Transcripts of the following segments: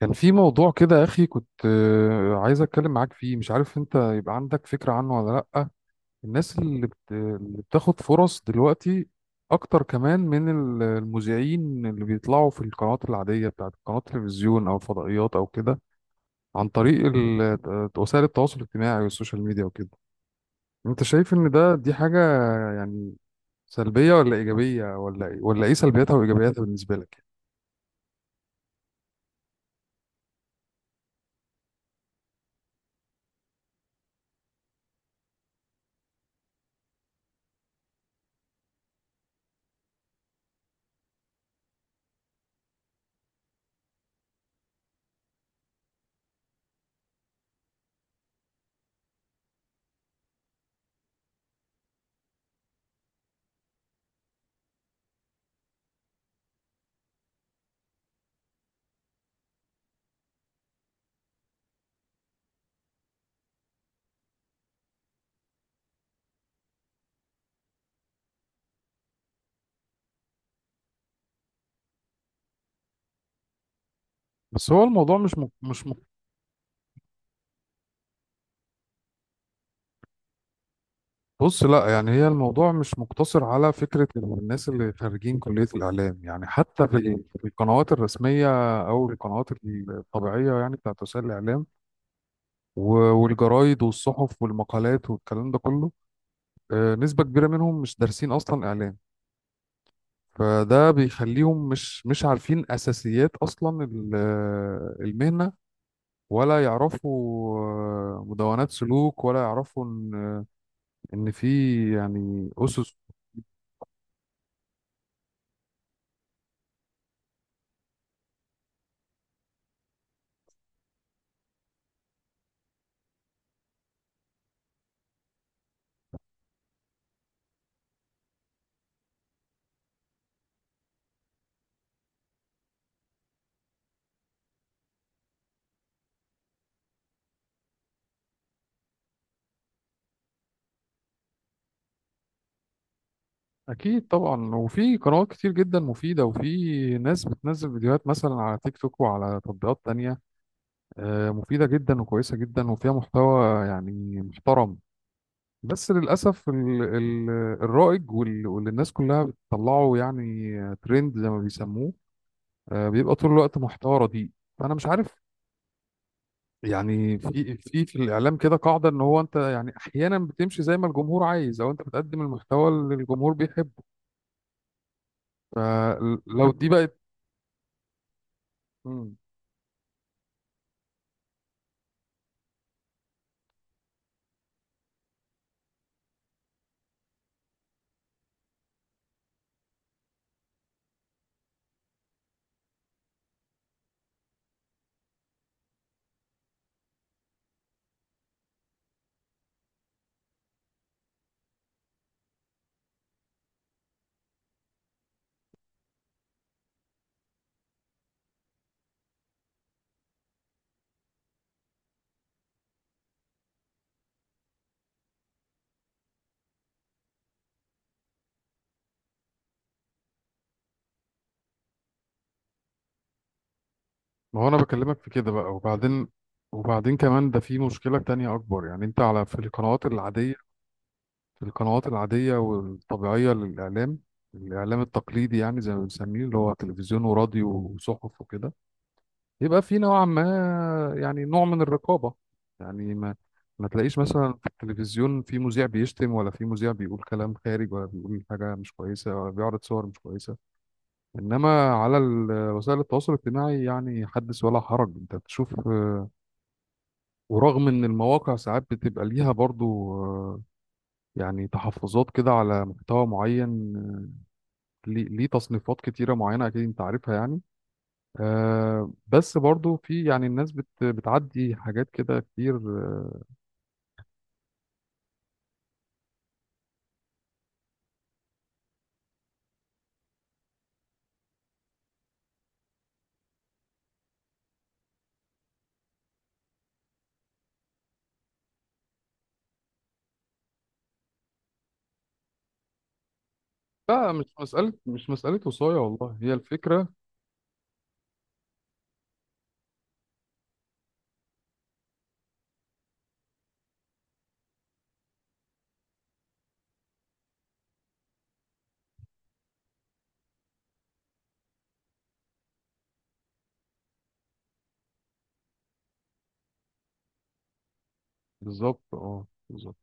كان في موضوع كده يا أخي كنت عايز أتكلم معاك فيه. مش عارف أنت يبقى عندك فكرة عنه ولا لأ؟ الناس اللي بتاخد فرص دلوقتي أكتر كمان من المذيعين اللي بيطلعوا في القنوات العادية بتاعت قنوات التلفزيون أو الفضائيات أو كده، عن طريق وسائل التواصل الاجتماعي والسوشيال ميديا وكده. أنت شايف إن دي حاجة يعني سلبية ولا إيجابية، ولا ولا إيه سلبياتها وإيجابياتها بالنسبة لك؟ بس هو الموضوع مش بص، لا، يعني هي الموضوع مش مقتصر على فكرة الناس اللي خارجين كلية الإعلام، يعني حتى في القنوات الرسمية أو القنوات الطبيعية يعني بتاعت وسائل الإعلام، والجرايد والصحف والمقالات والكلام ده كله. نسبة كبيرة منهم مش دارسين أصلا إعلام، فده بيخليهم مش عارفين أساسيات أصلا المهنة، ولا يعرفوا مدونات سلوك، ولا يعرفوا إن في يعني أسس. أكيد طبعا، وفي قنوات كتير جدا مفيدة، وفي ناس بتنزل فيديوهات مثلا على تيك توك وعلى تطبيقات تانية مفيدة جدا وكويسة جدا وفيها محتوى يعني محترم. بس للأسف ال الرائج واللي الناس كلها بتطلعه يعني ترند زي ما بيسموه، بيبقى طول الوقت محتوى رديء. فأنا مش عارف، يعني في الإعلام كده قاعدة إن هو أنت يعني أحيانا بتمشي زي ما الجمهور عايز، أو أنت بتقدم المحتوى اللي الجمهور بيحبه. فلو دي بقت. ما هو انا بكلمك في كده بقى وبعدين. وبعدين كمان ده في مشكلة تانية اكبر، يعني انت على في القنوات العادية، في القنوات العادية والطبيعية للاعلام، الاعلام التقليدي يعني زي ما بنسميه اللي هو تلفزيون وراديو وصحف وكده، يبقى في نوعا ما يعني نوع من الرقابة. يعني ما تلاقيش مثلا في التلفزيون في مذيع بيشتم، ولا في مذيع بيقول كلام خارج، ولا بيقول حاجة مش كويسة، ولا بيعرض صور مش كويسة. انما على وسائل التواصل الاجتماعي يعني حدث ولا حرج، انت بتشوف. ورغم ان المواقع ساعات بتبقى ليها برضو يعني تحفظات كده على محتوى معين، ليه تصنيفات كتيرة معينة اكيد انت عارفها، يعني بس برضو في يعني الناس بتعدي حاجات كده كتير. لا مش مسألة مش مسألة وصاية، والله هي الفكرة. بالظبط، اه، بالظبط.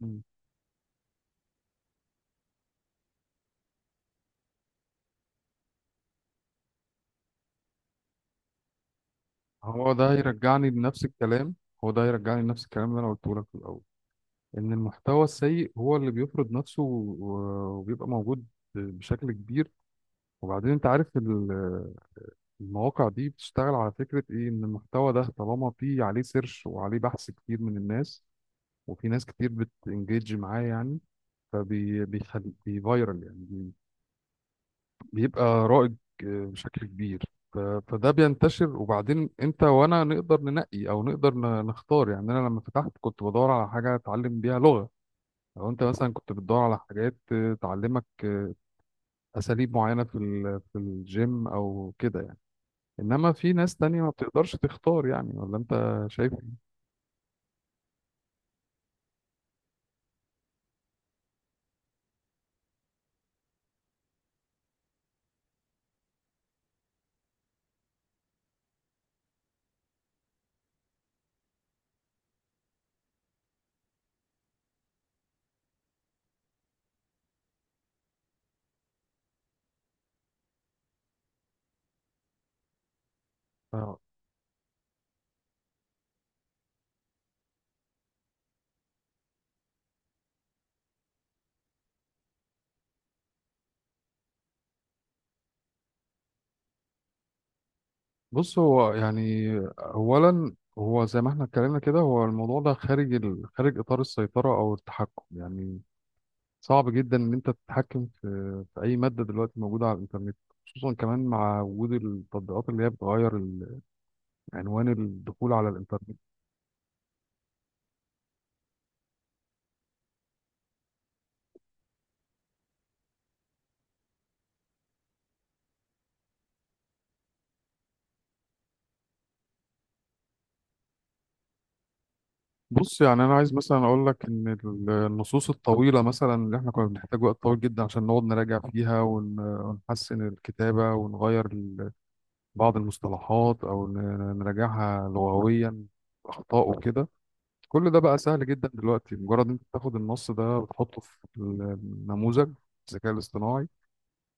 مم. هو ده هيرجعني لنفس الكلام هو ده هيرجعني لنفس الكلام اللي انا قلته لك في الاول، ان المحتوى السيء هو اللي بيفرض نفسه وبيبقى موجود بشكل كبير. وبعدين انت عارف المواقع دي بتشتغل على فكرة ايه، ان المحتوى ده طالما فيه عليه سيرش وعليه بحث كتير من الناس، وفي ناس كتير بتنجيج معاه يعني. فبيخلي بيفايرال يعني بيبقى رائج، بشكل كبير. فده بينتشر. وبعدين انت وانا نقدر ننقي، او نقدر نختار. يعني انا لما فتحت كنت بدور على حاجة اتعلم بيها لغة. لو انت مثلا كنت بتدور على حاجات تعلمك اساليب معينة في الجيم او كده، انما في ناس تانية ما بتقدرش تختار، يعني ولا انت شايف إيه؟ آه، بص، هو يعني اولا هو زي ما احنا اتكلمنا كده، هو الموضوع ده خارج خارج اطار السيطرة او التحكم، يعني صعب جدا ان انت تتحكم في اي مادة دلوقتي موجودة على الانترنت، خصوصا كمان مع وجود التطبيقات اللي هي بتغير عنوان الدخول على الانترنت. بص، يعني انا عايز مثلا اقول لك ان النصوص الطويله مثلا اللي احنا كنا بنحتاج وقت طويل جدا عشان نقعد نراجع فيها ونحسن الكتابه، ونغير بعض المصطلحات، او نراجعها لغويا، اخطاء وكده. كل ده بقى سهل جدا دلوقتي، مجرد انت بتاخد النص ده وتحطه في النموذج، الذكاء الاصطناعي،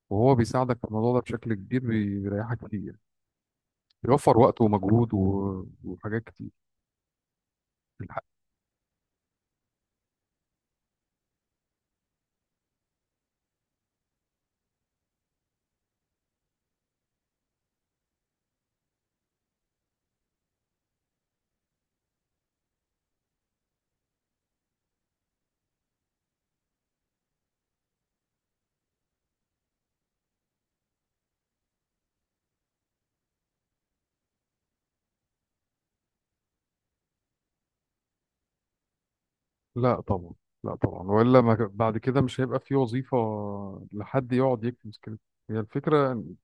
وهو بيساعدك في الموضوع ده بشكل كبير، بيريحك كتير، بيوفر وقت ومجهود وحاجات كتير. لا طبعا، لا طبعا، والا ما ك- بعد كده مش هيبقى في وظيفة لحد يقعد يكتب سكريبت. هي الفكرة إن-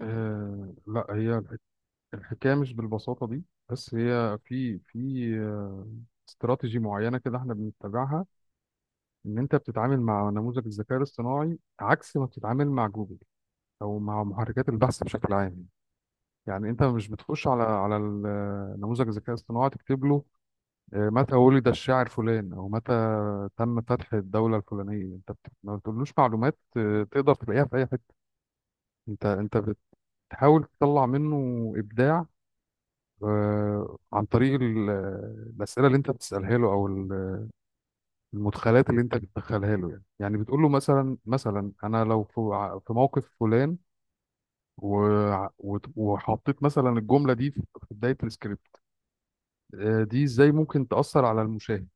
آه لا، الحكاية مش بالبساطة دي. بس هي في آه، استراتيجي معينة كده احنا بنتبعها، ان انت بتتعامل مع نموذج الذكاء الاصطناعي عكس ما بتتعامل مع جوجل او مع محركات البحث بشكل عام. يعني انت مش بتخش على نموذج الذكاء الاصطناعي تكتب له إيه، متى ولد الشاعر فلان او متى تم فتح الدوله الفلانيه. انت ما بتقولوش معلومات تقدر تلاقيها في اي حته. انت بتحاول تطلع منه ابداع، عن طريق الاسئله اللي انت بتسالها له، او المدخلات اللي انت بتدخلها له. يعني بتقول له مثلا، انا لو في في موقف فلان، وحطيت مثلا الجمله دي في بدايه السكريبت، دي ازاي ممكن تاثر على المشاهد.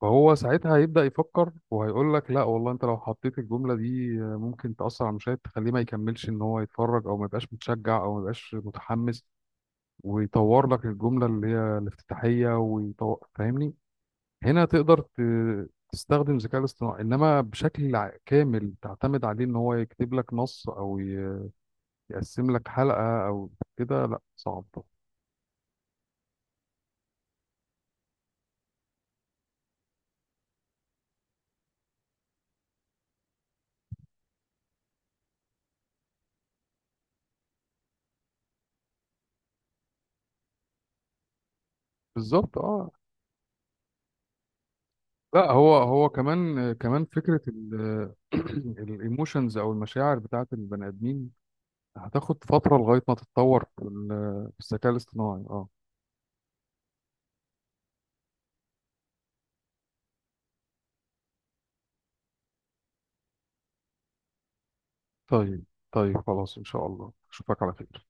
فهو ساعتها هيبدأ يفكر وهيقول لك لا والله انت لو حطيت الجملة دي ممكن تأثر على المشاهد، تخليه ما يكملش ان هو يتفرج، او ما يبقاش متشجع، او ما يبقاش متحمس، ويطور لك الجملة اللي هي الافتتاحية ويطور. فاهمني؟ هنا تقدر تستخدم الذكاء الاصطناعي، انما بشكل كامل تعتمد عليه ان هو يكتب لك نص، او يقسم لك حلقة او كده، لا، صعب. بالظبط، اه. لا هو هو كمان كمان فكرة الايموشنز او المشاعر بتاعت البني ادمين هتاخد فترة لغاية ما تتطور في الذكاء الاصطناعي، اه. طيب، طيب خلاص ان شاء الله اشوفك على خير.